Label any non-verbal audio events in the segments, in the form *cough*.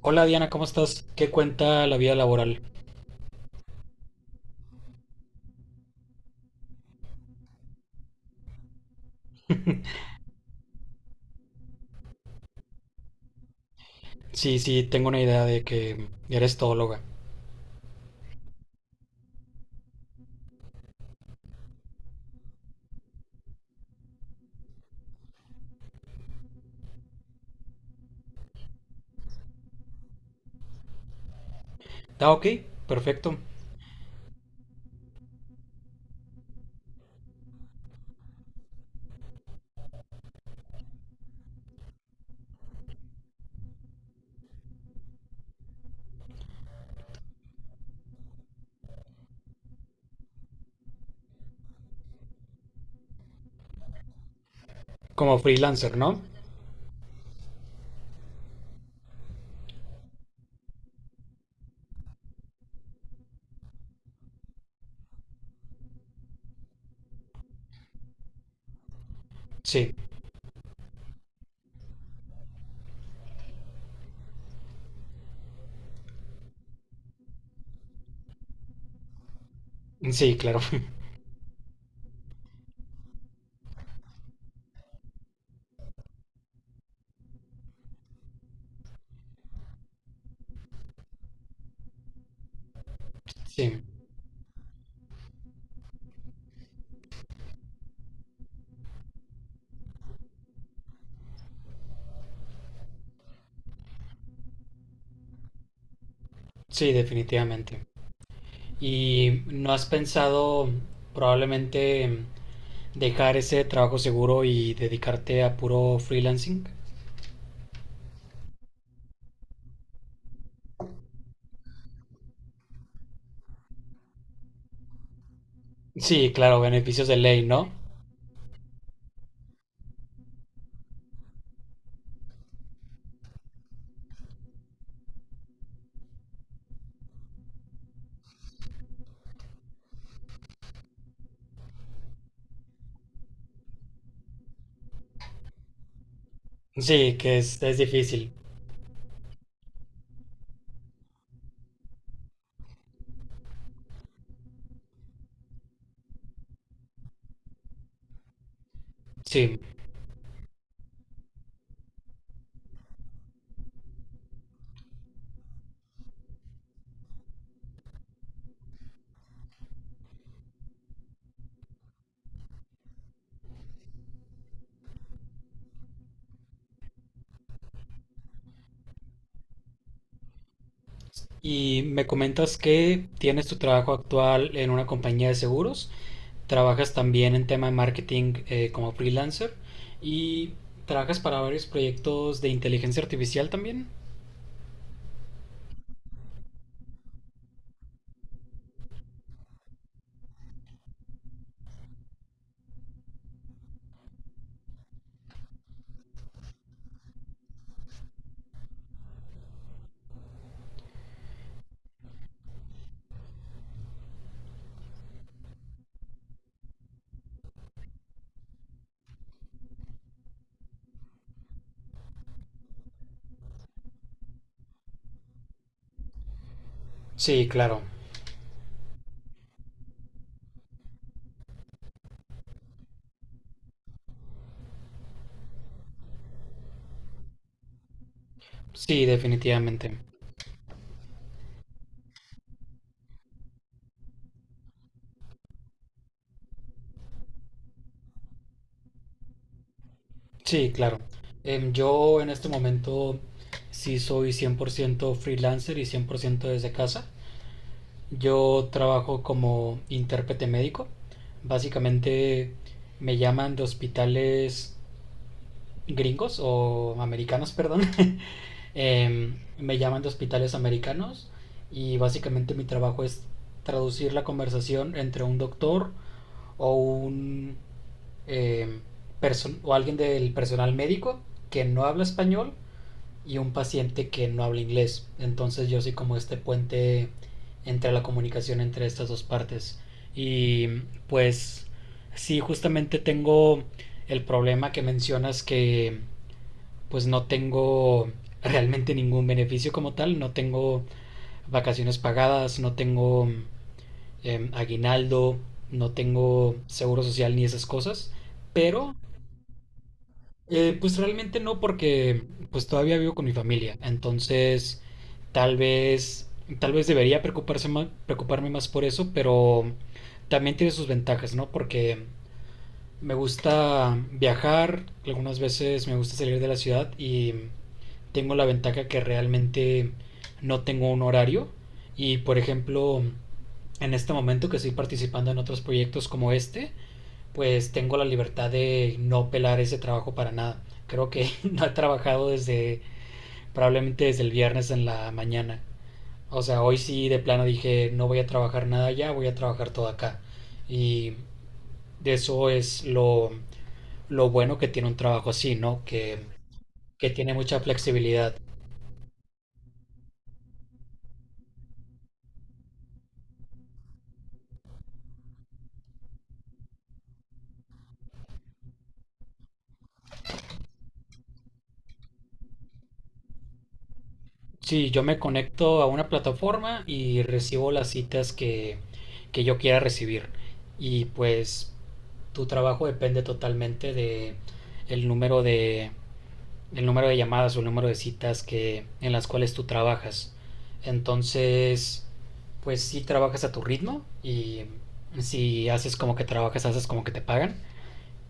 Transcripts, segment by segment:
Hola Diana, ¿cómo estás? ¿Qué cuenta la vida laboral? Sí, sí, tengo una idea de que eres todóloga. Ah, ok, perfecto. Como freelancer, ¿no? Sí, sí, claro. *laughs* Sí, sí, definitivamente. ¿Y no has pensado probablemente dejar ese trabajo seguro y dedicarte a puro freelancing? Sí, claro, beneficios de ley, ¿no? Sí, que es difícil. Sí, y me comentas que tienes tu trabajo actual en una compañía de seguros, trabajas también en tema de marketing como freelancer y trabajas para varios proyectos de inteligencia artificial también. Sí, claro. Sí, definitivamente. Sí, claro. Yo en este momento sí soy 100% freelancer y 100% desde casa. Yo trabajo como intérprete médico. Básicamente me llaman de hospitales gringos o americanos, perdón. *laughs* Me llaman de hospitales americanos y básicamente mi trabajo es traducir la conversación entre un doctor o un em, o alguien del personal médico que no habla español y un paciente que no habla inglés. Entonces yo soy como este puente entre la comunicación entre estas dos partes. Y pues sí, justamente tengo el problema que mencionas que pues no tengo realmente ningún beneficio como tal, no tengo vacaciones pagadas, no tengo aguinaldo, no tengo seguro social ni esas cosas, pero pues realmente no porque pues todavía vivo con mi familia, entonces tal vez tal vez debería preocuparme más por eso, pero también tiene sus ventajas, ¿no? Porque me gusta viajar, algunas veces me gusta salir de la ciudad y tengo la ventaja que realmente no tengo un horario y, por ejemplo, en este momento que estoy participando en otros proyectos como este, pues tengo la libertad de no pelar ese trabajo para nada. Creo que *laughs* no he trabajado desde probablemente desde el viernes en la mañana. O sea, hoy sí de plano dije no voy a trabajar nada allá, voy a trabajar todo acá. Y de eso es lo bueno que tiene un trabajo así, no, que que tiene mucha flexibilidad. Sí, yo me conecto a una plataforma y recibo las citas que yo quiera recibir. Y pues tu trabajo depende totalmente de el número de llamadas o el número de citas que en las cuales tú trabajas. Entonces, pues sí trabajas a tu ritmo y si haces como que trabajas, haces como que te pagan.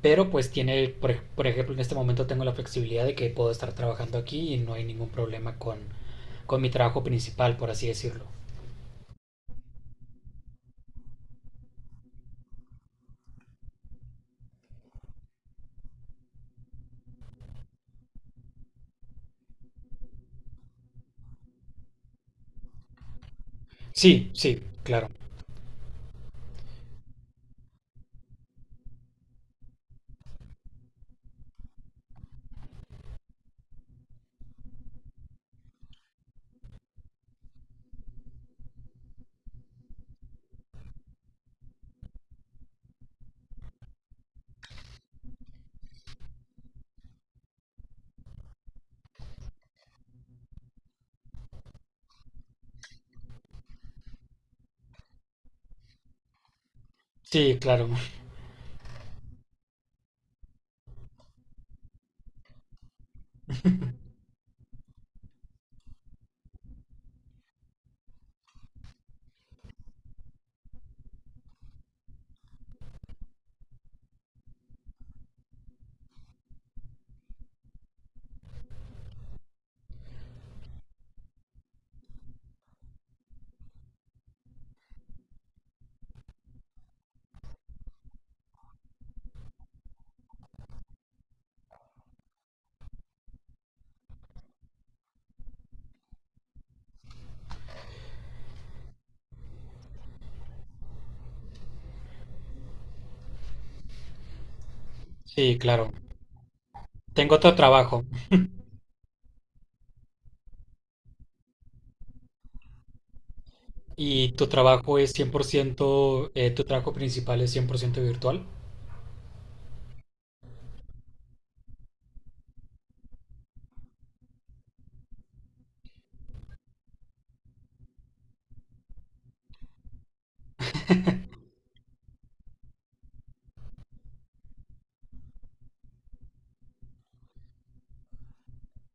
Pero pues tiene, por ejemplo, en este momento tengo la flexibilidad de que puedo estar trabajando aquí y no hay ningún problema con mi trabajo principal, por así decirlo. Sí, sí, claro. Sí, claro. Sí, claro. Tengo otro trabajo y tu trabajo es 100%, tu trabajo principal es 100% virtual.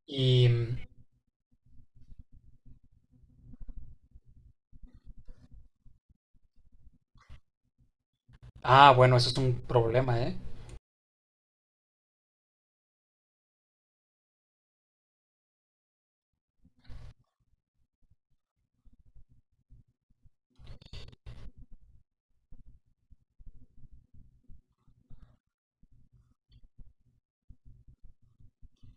Y, ah, bueno, eso es un problema, ¿eh?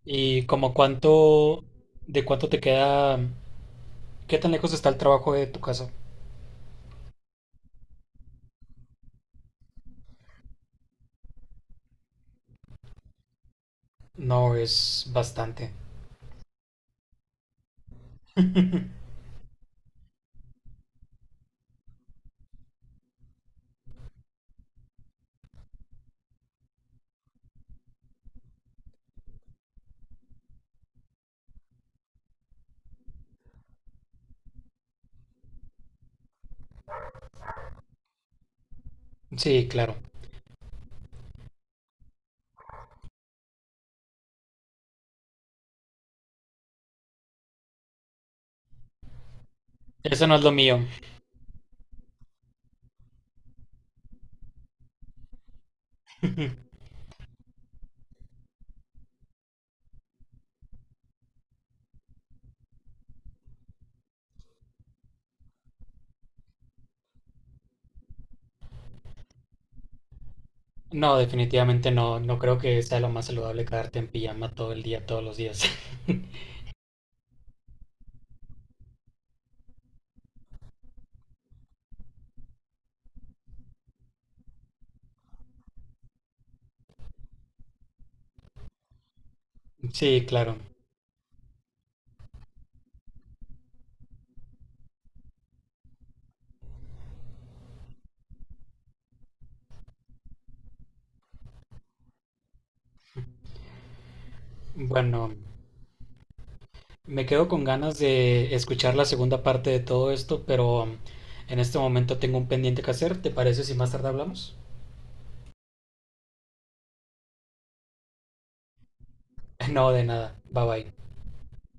Y como cuánto, de cuánto te queda, qué tan lejos está el trabajo de tu casa. No, es bastante. *laughs* Sí, claro. Eso no es lo mío. *laughs* No, definitivamente no. No creo que sea lo más saludable quedarte en pijama todo el día, todos los días. *laughs* Sí, claro. Bueno, me quedo con ganas de escuchar la segunda parte de todo esto, pero en este momento tengo un pendiente que hacer. ¿Te parece si más tarde hablamos? *laughs* No, de nada. Bye bye.